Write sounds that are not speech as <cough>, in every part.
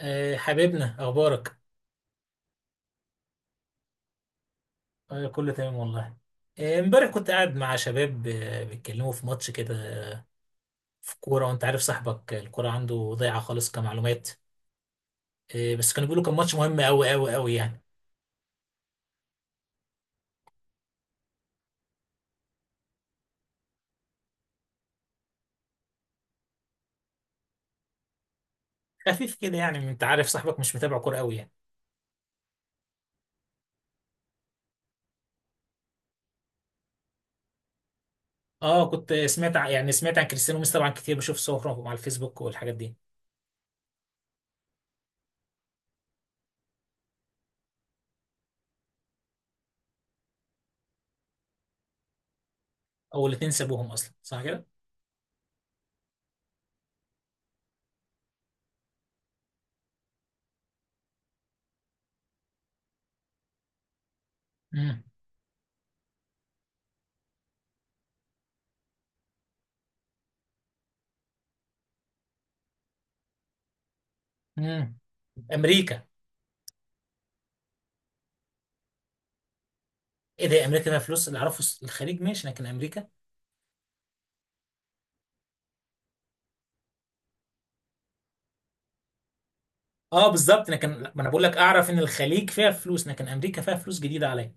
حبيبنا اخبارك. كله تمام والله. امبارح كنت قاعد مع شباب بيتكلموا في ماتش كده. آه، في كوره، وانت عارف صاحبك الكوره عنده ضايعه خالص كمعلومات. بس كانوا بيقولوا كان ماتش مهم قوي قوي قوي يعني. <laughs> خفيف كده، يعني انت عارف صاحبك مش متابع كوره قوي يعني. اه، كنت سمعت يعني سمعت عن كريستيانو ميسي طبعا كتير، بشوف صورهم على الفيسبوك والحاجات دي. اول اتنين سابوهم اصلا، صح كده. امم امريكا. ايه ده، امريكا فيها فلوس؟ اللي اعرفه الخليج ماشي، لكن امريكا. اه بالظبط، لكن ما انا بقول لك، اعرف ان الخليج فيها فلوس لكن امريكا فيها فلوس جديده عليا.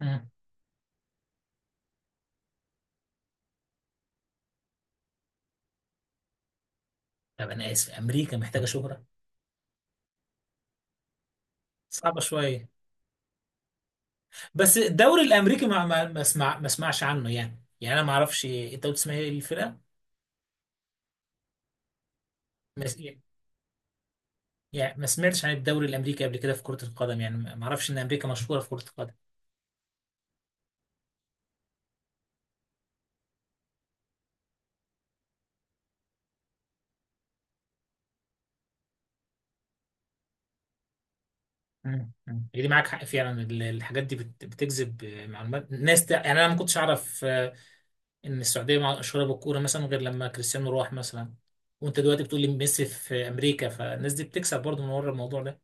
مم. طب انا اسف، امريكا محتاجه شهره؟ صعبه شويه. بس الدوري الامريكي ما ما ما اسمع ما اسمعش عنه، يعني انا ما اعرفش، انت قلت اسمها ايه الفرقه؟ ما س- يعني ما سمعتش عن الدوري الامريكي قبل كده في كره القدم، يعني ما اعرفش ان امريكا مشهوره في كره القدم. مم. مم. دي معاك حق فعلا، الحاجات دي بتجذب معلومات ناس، يعني انا ما كنتش اعرف ان السعوديه مشهوره بالكوره مثلا غير لما كريستيانو راح مثلا. وانت دلوقتي بتقول لي ميسي في امريكا، فالناس دي بتكسب برضه من ورا الموضوع ده.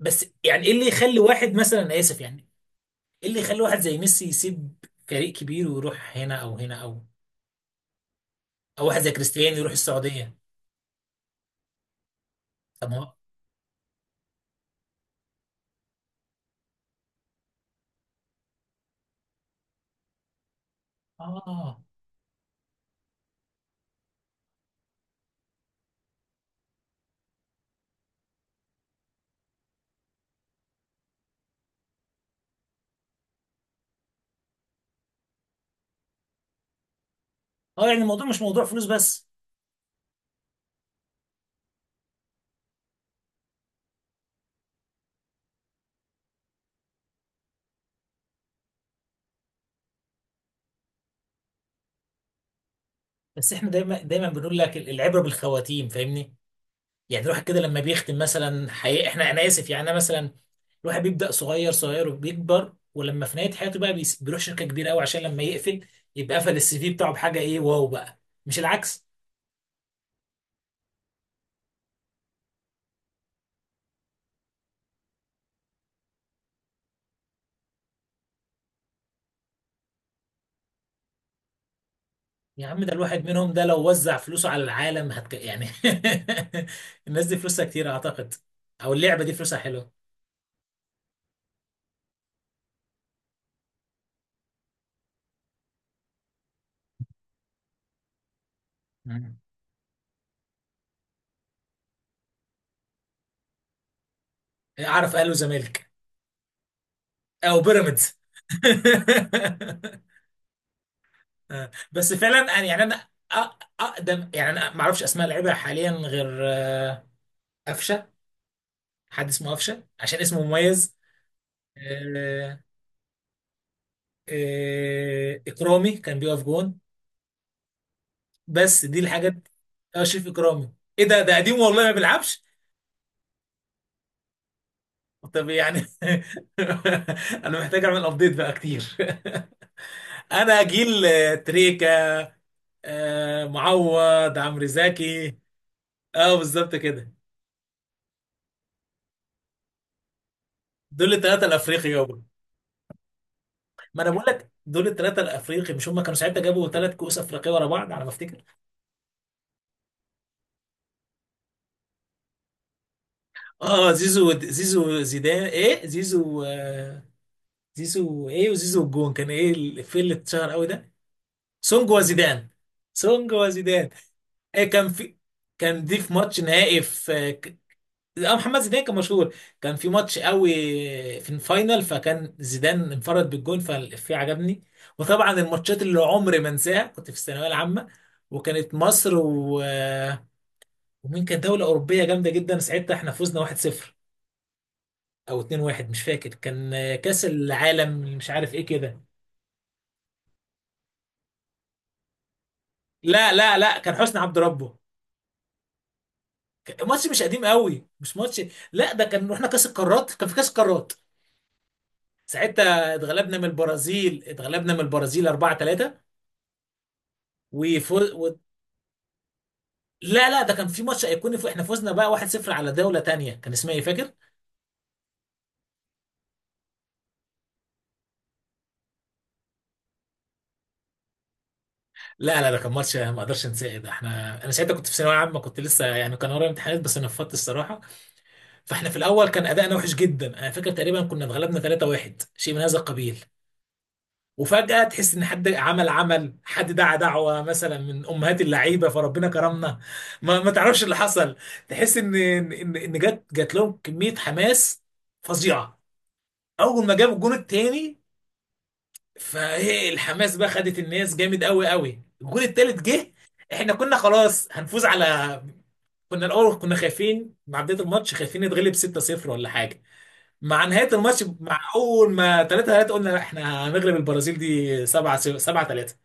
بس يعني ايه اللي يخلي واحد مثلا، أنا اسف يعني، ايه اللي يخلي واحد زي ميسي يسيب فريق كبير ويروح هنا او هنا او واحد زي كريستيانو يروح السعوديه؟ طب ما هو. اه اه يعني الموضوع مش موضوع فلوس بس. بس احنا دايما دايما بنقول لك العبره بالخواتيم، فاهمني؟ يعني الواحد كده لما بيختم مثلا، حقيقة، انا اسف يعني، انا مثلا الواحد بيبدأ صغير صغير وبيكبر، ولما في نهاية حياته بقى بيروح شركة كبيرة قوي عشان لما يقفل يبقى قفل السي في بتاعه بحاجة ايه، واو بقى. مش العكس؟ يا عم، ده الواحد منهم ده لو وزع فلوسه على العالم يعني. <laughs> الناس دي فلوسها كتير اعتقد. او اللعبة دي فلوسها حلوة. مم. اعرف اهلي وزمالك، او بيراميدز. <laughs> بس فعلا يعني انا أ- اقدم، يعني انا ما اعرفش اسماء لعيبه حاليا غير قفشه. حد اسمه قفشه عشان اسمه مميز. آه، اكرامي كان بيقف جون. بس دي الحاجات. اشرف اكرامي. ايه ده قديم والله ما بيلعبش. طب يعني. <laughs> انا محتاج اعمل ابديت بقى كتير. <laughs> انا جيل تريكا، معوض، عمرو زكي. اه بالظبط كده. دول الثلاثه الافريقي يابا. ما انا بقول لك دول الثلاثه الافريقي، مش هم كانوا ساعتها جابوا ثلاث كؤوس افريقيه ورا بعض على ما افتكر؟ اه زيزو زيدان، ايه زيزو زيزو، ايه وزيزو الجون كان، ايه الفيلم اللي اتشهر قوي ده؟ سونج وزيدان. سونج وزيدان. ايه كان دي في ماتش نهائي في اه محمد زيدان كان مشهور. كان في ماتش قوي في الفاينل، فكان زيدان انفرد بالجون فالإفيه عجبني. وطبعا الماتشات اللي عمري ما انساها، كنت في الثانويه العامه، وكانت مصر و... ومين كانت دوله اوروبيه جامده جدا ساعتها احنا فزنا 1-0 او 2-1، مش فاكر، كان كاس العالم مش عارف ايه كده. لا لا لا، كان حسني عبد ربه. ماتش مش قديم قوي، مش ماتش. لا ده كان رحنا كاس القارات، كان في كاس القارات. ساعتها اتغلبنا من البرازيل، 4-3 وفوز و... لا لا، ده كان في ماتش ايقوني، احنا فوزنا بقى 1-0 على دولة تانية كان اسمها ايه فاكر؟ لا لا، ده كان ماتش ما اقدرش انساه، ده انا ساعتها كنت في ثانوية عامة، كنت لسه يعني كان ورايا امتحانات بس نفضت الصراحة. فاحنا في الاول كان ادائنا وحش جدا، انا فاكر تقريبا كنا اتغلبنا 3-1 شيء من هذا القبيل. وفجأة تحس ان حد عمل عمل حد دعا دعوة مثلا من امهات اللعيبة فربنا كرمنا. ما تعرفش اللي حصل. تحس ان ان ان إن جت لهم كمية حماس فظيعة. اول ما جاب الجون التاني، فايه الحماس بقى خدت الناس جامد قوي قوي، الجون التالت جه. احنا كنا خلاص هنفوز على، كنا الاول كنا خايفين مع بداية الماتش، خايفين نتغلب 6-0 ولا حاجة. مع نهايه الماتش، مع اول ما 3 3 قلنا احنا هنغلب البرازيل دي 7 7 3.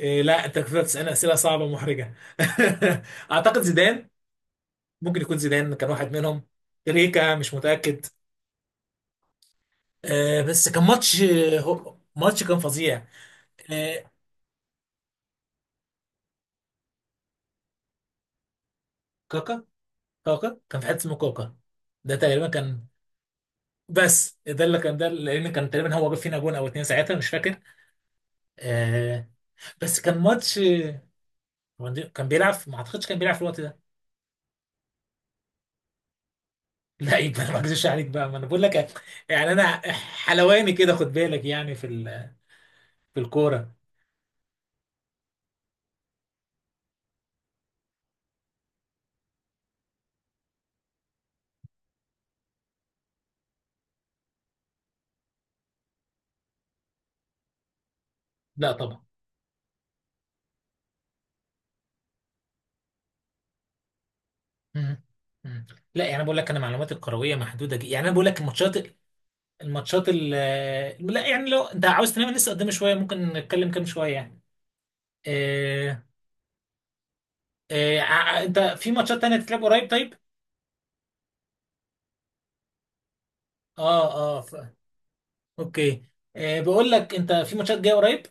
إيه لا، انت كنت بتسالني اسئله صعبه محرجه. <laughs> اعتقد زيدان. ممكن يكون زيدان كان واحد منهم. ريكا، مش متاكد. بس كان ماتش، ماتش كان فظيع. آه كاكا كاكا كان في حته اسمه كاكا. ده تقريبا كان. بس ده اللي كان، ده لان كان تقريبا هو جاب فينا جون او اتنين ساعتها مش فاكر. آه بس كان ماتش، كان بيلعب. ما اعتقدش كان بيلعب في الوقت ده. لا يبقى، ما اكذبش عليك بقى، ما انا بقول لك، يعني انا، حلواني كده، خد بالك يعني في في الكوره. لا طبعا. مم. مم. لا يعني انا بقول لك، انا معلوماتي الكرويه محدوده جدا، يعني انا بقول لك الماتشات، الماتشات لا يعني لو انت عاوز تنام لسه قدام شويه ممكن نتكلم كام شويه يعني. آه انت في ماتشات تانية تتلعب قريب؟ طيب. اه اه اوكي. بقول لك، انت في ماتشات جايه قريب؟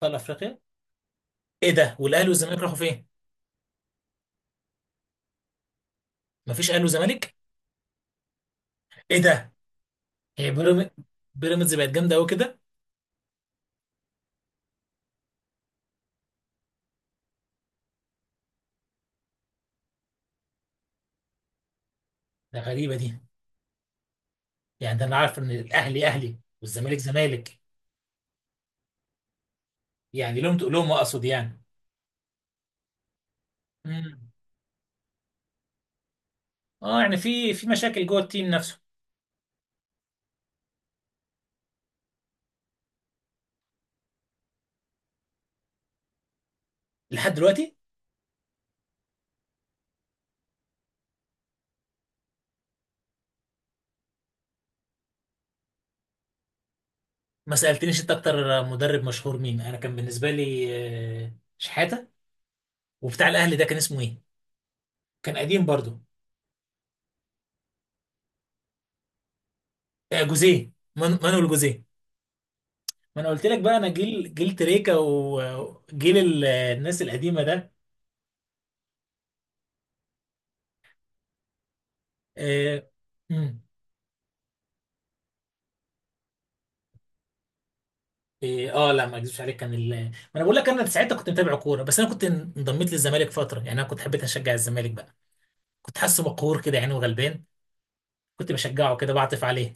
في افريقيا؟ ايه ده، والاهلي والزمالك راحوا فين؟ مفيش اهلي وزمالك؟ ايه ده. هي بيراميدز؟ بيراميدز بقت جامده قوي كده. ده غريبه دي. يعني ده انا عارف ان الاهلي اهلي والزمالك زمالك، يعني لهم تقولهم اقصد يعني. امم اه يعني في مشاكل جوه التيم نفسه. لحد دلوقتي؟ ما سالتنيش انت اكتر مدرب مشهور مين؟ انا كان بالنسبه لي آه، شحاته. وبتاع الاهلي ده كان اسمه ايه؟ كان قديم برضو. جوزيه، مانويل جوزيه. ما انا قلت لك بقى، انا جيل تريكا وجيل الناس القديمه ده. آه، مم. إيه اه لا، ما اكذبش عليك، كان ما انا بقول لك، انا ساعتها كنت متابع كوره، بس انا كنت انضميت للزمالك فتره، يعني انا كنت حبيت اشجع الزمالك بقى. كنت حاسه مقهور كده يعني وغلبان، كنت بشجعه كده بعطف عليه.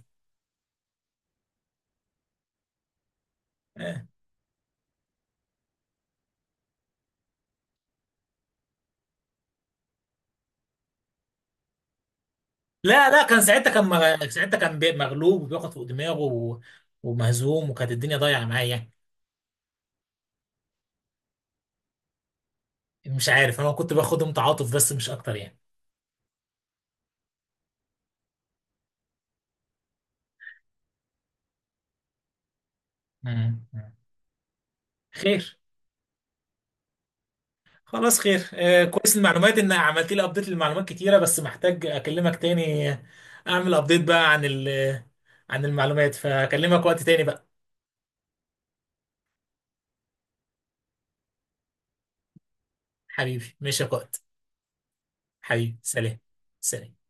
آه. لا لا، كان ساعتها كان مغ... ساعتها كان بي- مغلوب وبياخد فوق دماغه و... ومهزوم، وكانت الدنيا ضايعه معايا يعني. مش عارف، انا كنت باخدهم تعاطف بس مش اكتر يعني. مم. مم. خير، خلاص خير. كويس، المعلومات ان عملت لي ابديت للمعلومات كتيره، بس محتاج اكلمك تاني. اعمل ابديت بقى عن عن المعلومات، فاكلمك وقت تاني بقى. حبيبي ماشي يا قائد. حبيبي سلام. سلام.